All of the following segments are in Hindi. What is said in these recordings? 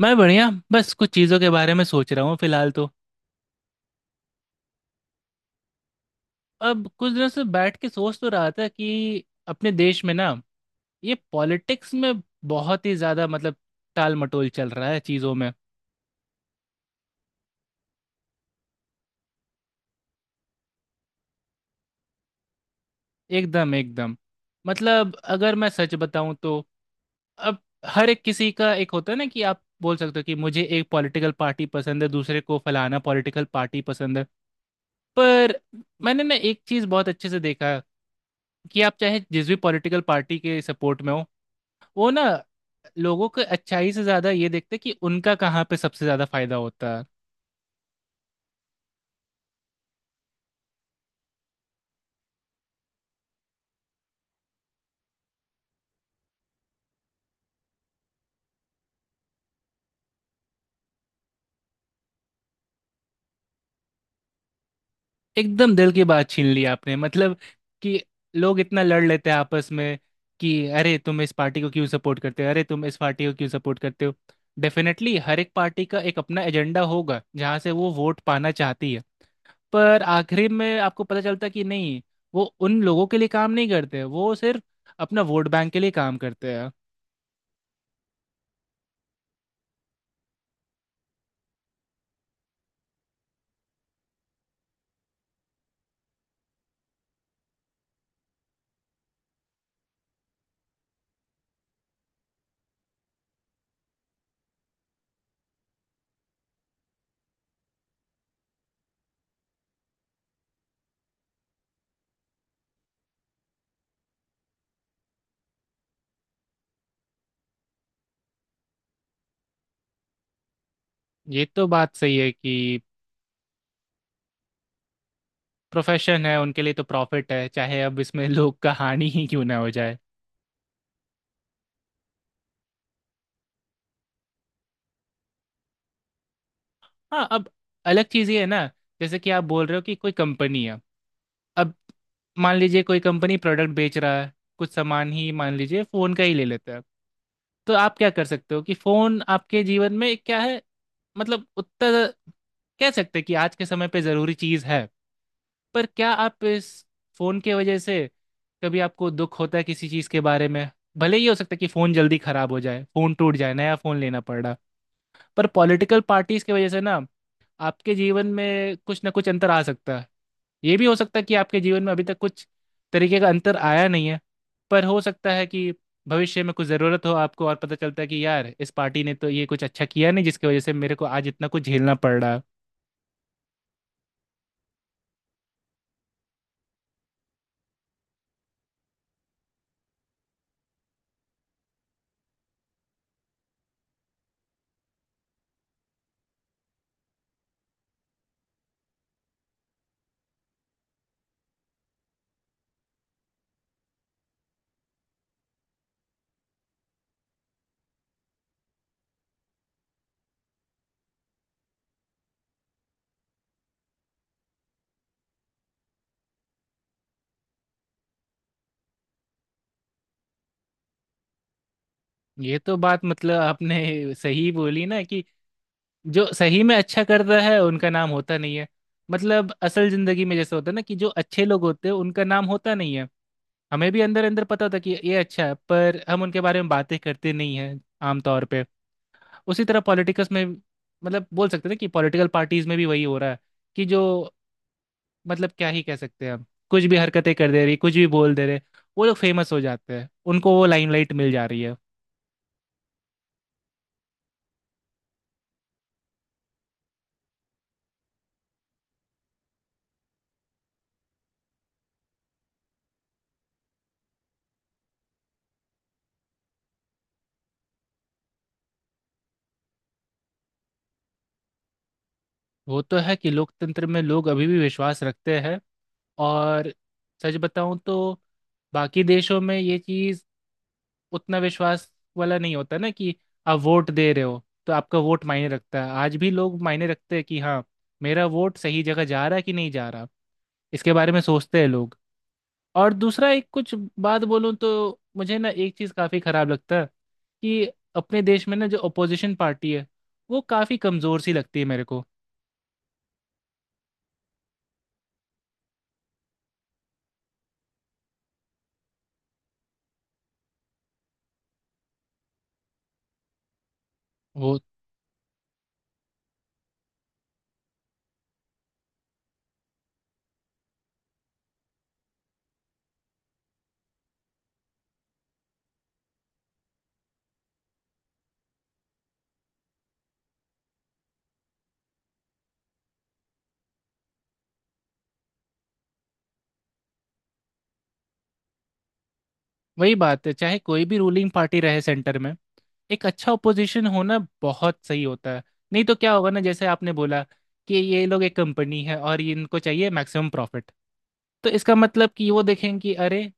मैं बढ़िया। बस कुछ चीज़ों के बारे में सोच रहा हूँ फिलहाल तो। अब कुछ दिनों से बैठ के सोच तो रहा था कि अपने देश में ना ये पॉलिटिक्स में बहुत ही ज़्यादा मतलब टाल मटोल चल रहा है चीज़ों में। एकदम एकदम। मतलब अगर मैं सच बताऊँ तो, अब हर एक किसी का एक होता है ना, कि आप बोल सकते हो कि मुझे एक पॉलिटिकल पार्टी पसंद है, दूसरे को फलाना पॉलिटिकल पार्टी पसंद है। पर मैंने ना एक चीज़ बहुत अच्छे से देखा कि आप चाहे जिस भी पॉलिटिकल पार्टी के सपोर्ट में हो, वो ना लोगों को अच्छाई से ज्यादा ये देखते कि उनका कहाँ पे सबसे ज्यादा फायदा होता है। एकदम दिल की बात छीन ली आपने। मतलब कि लोग इतना लड़ लेते हैं आपस में कि अरे तुम इस पार्टी को क्यों सपोर्ट करते हो, अरे तुम इस पार्टी को क्यों सपोर्ट करते हो। डेफिनेटली हर एक पार्टी का एक अपना एजेंडा होगा जहाँ से वो वोट पाना चाहती है। पर आखिरी में आपको पता चलता कि नहीं, वो उन लोगों के लिए काम नहीं करते, वो सिर्फ अपना वोट बैंक के लिए काम करते हैं। ये तो बात सही है कि प्रोफेशन है उनके लिए, तो प्रॉफिट है, चाहे अब इसमें लोग का हानि ही क्यों ना हो जाए। हाँ अब अलग चीज़ ये है ना, जैसे कि आप बोल रहे हो कि कोई कंपनी है। अब मान लीजिए कोई कंपनी प्रोडक्ट बेच रहा है, कुछ सामान ही मान लीजिए फोन का ही ले लेते हैं। तो आप क्या कर सकते हो कि फोन आपके जीवन में क्या है? मतलब उतना कह सकते हैं कि आज के समय पे जरूरी चीज है। पर क्या आप इस फोन के वजह से कभी आपको दुख होता है किसी चीज के बारे में? भले ही हो सकता है कि फोन जल्दी खराब हो जाए, फोन टूट जाए, नया फोन लेना पड़ रहा। पर पॉलिटिकल पार्टीज की वजह से ना आपके जीवन में कुछ ना कुछ अंतर आ सकता है। ये भी हो सकता है कि आपके जीवन में अभी तक कुछ तरीके का अंतर आया नहीं है, पर हो सकता है कि भविष्य में कुछ ज़रूरत हो आपको और पता चलता है कि यार इस पार्टी ने तो ये कुछ अच्छा किया नहीं जिसकी वजह से मेरे को आज इतना कुछ झेलना पड़ रहा है। ये तो बात, मतलब आपने सही बोली ना कि जो सही में अच्छा करता है उनका नाम होता नहीं है। मतलब असल जिंदगी में जैसे होता है ना, कि जो अच्छे लोग होते हैं उनका नाम होता नहीं है। हमें भी अंदर अंदर पता होता कि ये अच्छा है, पर हम उनके बारे में बातें करते नहीं हैं आमतौर पे। उसी तरह पॉलिटिक्स में, मतलब बोल सकते थे कि पॉलिटिकल पार्टीज में भी वही हो रहा है कि जो, मतलब क्या ही कह सकते हैं हम, कुछ भी हरकतें कर दे रही, कुछ भी बोल दे रहे, वो लोग फेमस हो जाते हैं, उनको वो लाइमलाइट मिल जा रही है। वो तो है कि लोकतंत्र में लोग अभी भी विश्वास रखते हैं। और सच बताऊं तो बाकी देशों में ये चीज़ उतना विश्वास वाला नहीं होता ना, कि आप वोट दे रहे हो तो आपका वोट मायने रखता है। आज भी लोग मायने रखते हैं कि हाँ, मेरा वोट सही जगह जा रहा है कि नहीं जा रहा, इसके बारे में सोचते हैं लोग। और दूसरा एक कुछ बात बोलूँ तो मुझे ना एक चीज़ काफ़ी ख़राब लगता है कि अपने देश में ना जो अपोजिशन पार्टी है वो काफ़ी कमज़ोर सी लगती है मेरे को। वो वही बात है, चाहे कोई भी रूलिंग पार्टी रहे सेंटर में, एक अच्छा ओपोजिशन होना बहुत सही होता है। नहीं तो क्या होगा ना, जैसे आपने बोला कि ये लोग एक कंपनी है और इनको चाहिए मैक्सिमम प्रॉफिट। तो इसका मतलब कि वो देखेंगे कि अरे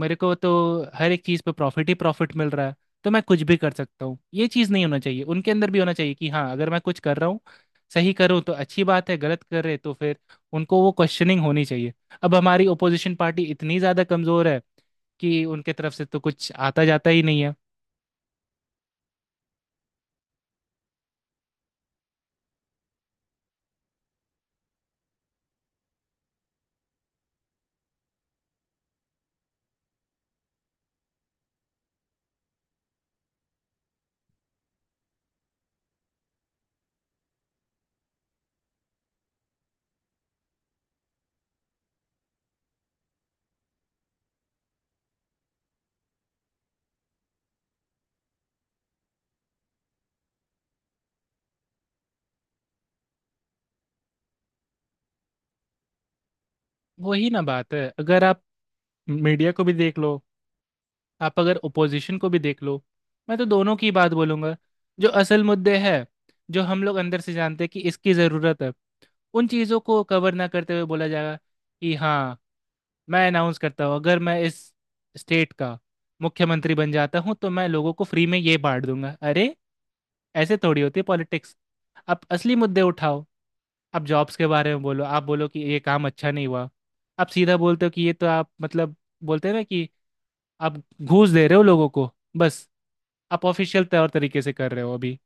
मेरे को तो हर एक चीज़ पे प्रॉफिट ही प्रॉफिट मिल रहा है, तो मैं कुछ भी कर सकता हूँ। ये चीज़ नहीं होना चाहिए, उनके अंदर भी होना चाहिए कि हाँ अगर मैं कुछ कर रहा हूँ सही करूँ तो अच्छी बात है, गलत कर रहे तो फिर उनको वो क्वेश्चनिंग होनी चाहिए। अब हमारी ओपोजिशन पार्टी इतनी ज़्यादा कमज़ोर है कि उनके तरफ से तो कुछ आता जाता ही नहीं है। वही ना बात है, अगर आप मीडिया को भी देख लो, आप अगर ओपोजिशन को भी देख लो, मैं तो दोनों की बात बोलूंगा। जो असल मुद्दे हैं, जो हम लोग अंदर से जानते हैं कि इसकी ज़रूरत है, उन चीज़ों को कवर ना करते हुए बोला जाएगा कि हाँ, मैं अनाउंस करता हूँ अगर मैं इस स्टेट का मुख्यमंत्री बन जाता हूँ तो मैं लोगों को फ्री में ये बांट दूंगा। अरे ऐसे थोड़ी होती है पॉलिटिक्स। आप असली मुद्दे उठाओ, आप जॉब्स के बारे में बोलो, आप बोलो कि ये काम अच्छा नहीं हुआ, आप सीधा बोलते हो कि ये तो आप, मतलब बोलते हैं ना कि आप घूस दे रहे हो लोगों को, बस आप ऑफिशियल तौर तरीके से कर रहे हो अभी।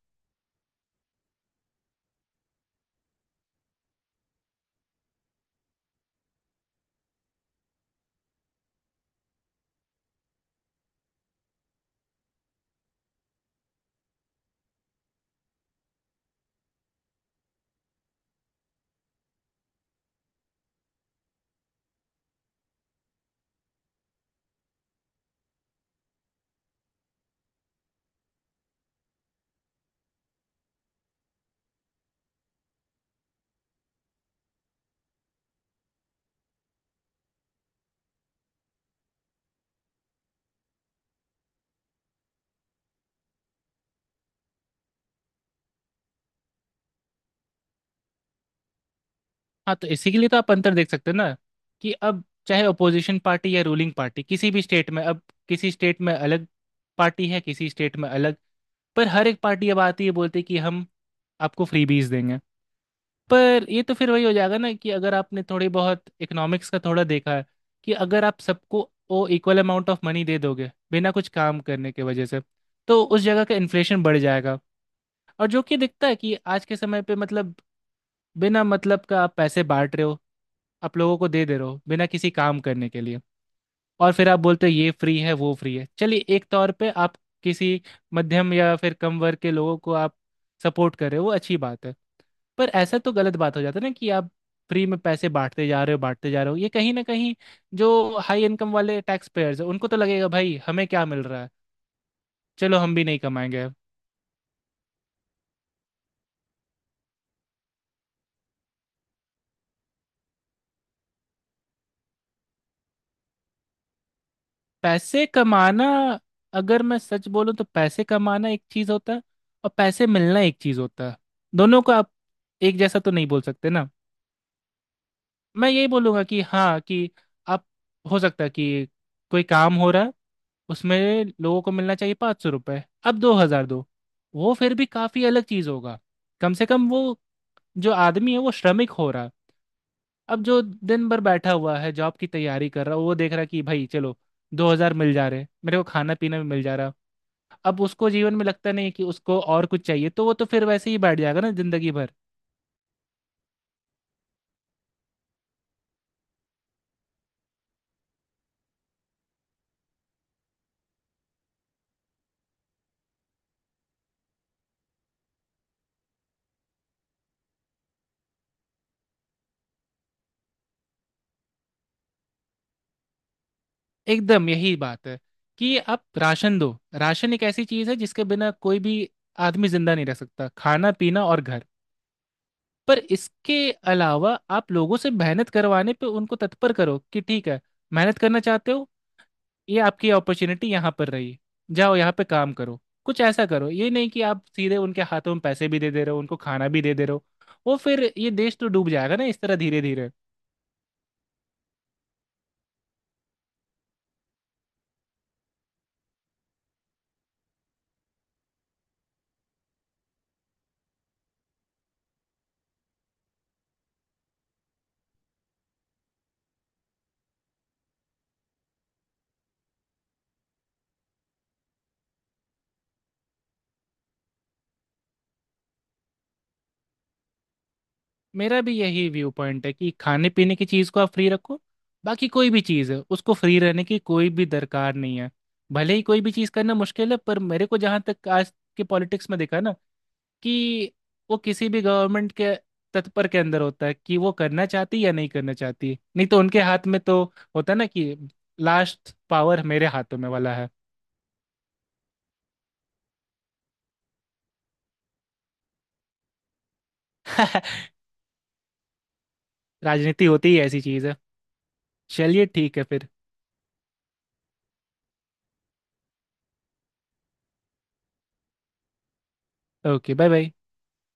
हाँ तो इसी के लिए तो आप अंतर देख सकते हो ना कि अब चाहे अपोजिशन पार्टी या रूलिंग पार्टी, किसी भी स्टेट में अब, किसी स्टेट में अलग पार्टी है, किसी स्टेट में अलग, पर हर एक पार्टी अब आती है बोलती है कि हम आपको फ्रीबीज देंगे। पर ये तो फिर वही हो जाएगा ना कि अगर आपने थोड़ी बहुत इकोनॉमिक्स का थोड़ा देखा है कि अगर आप सबको वो इक्वल अमाउंट ऑफ मनी दे दोगे बिना कुछ काम करने के वजह से, तो उस जगह का इन्फ्लेशन बढ़ जाएगा। और जो कि दिखता है कि आज के समय पे, मतलब, बिना मतलब का आप पैसे बांट रहे हो, आप लोगों को दे दे रहे हो बिना किसी काम करने के लिए, और फिर आप बोलते हो ये फ्री है वो फ्री है। चलिए एक तौर पे आप किसी मध्यम या फिर कम वर्ग के लोगों को आप सपोर्ट कर रहे हो, वो अच्छी बात है। पर ऐसा तो गलत बात हो जाता है ना कि आप फ्री में पैसे बांटते जा रहे हो, बांटते जा रहे हो, ये कहीं ना कहीं जो हाई इनकम वाले टैक्स पेयर्स हैं, उनको तो लगेगा भाई हमें क्या मिल रहा है, चलो हम भी नहीं कमाएंगे। पैसे कमाना, अगर मैं सच बोलूं तो पैसे कमाना एक चीज़ होता है, और पैसे मिलना एक चीज़ होता है। दोनों को आप एक जैसा तो नहीं बोल सकते ना। मैं यही बोलूंगा कि हाँ, कि आप, हो सकता है कि कोई काम हो रहा है, उसमें लोगों को मिलना चाहिए 500 रुपये, अब 2000 दो, वो फिर भी काफ़ी अलग चीज़ होगा। कम से कम वो जो आदमी है वो श्रमिक हो रहा है। अब जो दिन भर बैठा हुआ है, जॉब की तैयारी कर रहा है, वो देख रहा है कि भाई चलो 2000 मिल जा रहे हैं, मेरे को खाना पीना भी मिल जा रहा है, अब उसको जीवन में लगता नहीं है कि उसको और कुछ चाहिए, तो वो तो फिर वैसे ही बैठ जाएगा ना जिंदगी भर। एकदम यही बात है कि आप राशन दो, राशन एक ऐसी चीज है जिसके बिना कोई भी आदमी जिंदा नहीं रह सकता, खाना पीना और घर। पर इसके अलावा आप लोगों से मेहनत करवाने पे उनको तत्पर करो कि ठीक है, मेहनत करना चाहते हो, ये आपकी अपॉर्चुनिटी यहाँ पर रही, जाओ यहाँ पे काम करो, कुछ ऐसा करो। ये नहीं कि आप सीधे उनके हाथों में पैसे भी दे दे रहे हो, उनको खाना भी दे दे रहे हो, वो फिर ये देश तो डूब जाएगा ना इस तरह धीरे धीरे। मेरा भी यही व्यू पॉइंट है कि खाने पीने की चीज़ को आप फ्री रखो, बाकी कोई भी चीज़ है उसको फ्री रहने की कोई भी दरकार नहीं है। भले ही कोई भी चीज़ करना मुश्किल है, पर मेरे को जहाँ तक आज के पॉलिटिक्स में दिखा ना कि वो किसी भी गवर्नमेंट के तत्पर के अंदर होता है कि वो करना चाहती या नहीं करना चाहती, नहीं तो उनके हाथ में तो होता ना कि लास्ट पावर मेरे हाथों में वाला है। राजनीति होती ही ऐसी चीज़ है। चलिए ठीक है फिर। Okay, bye bye.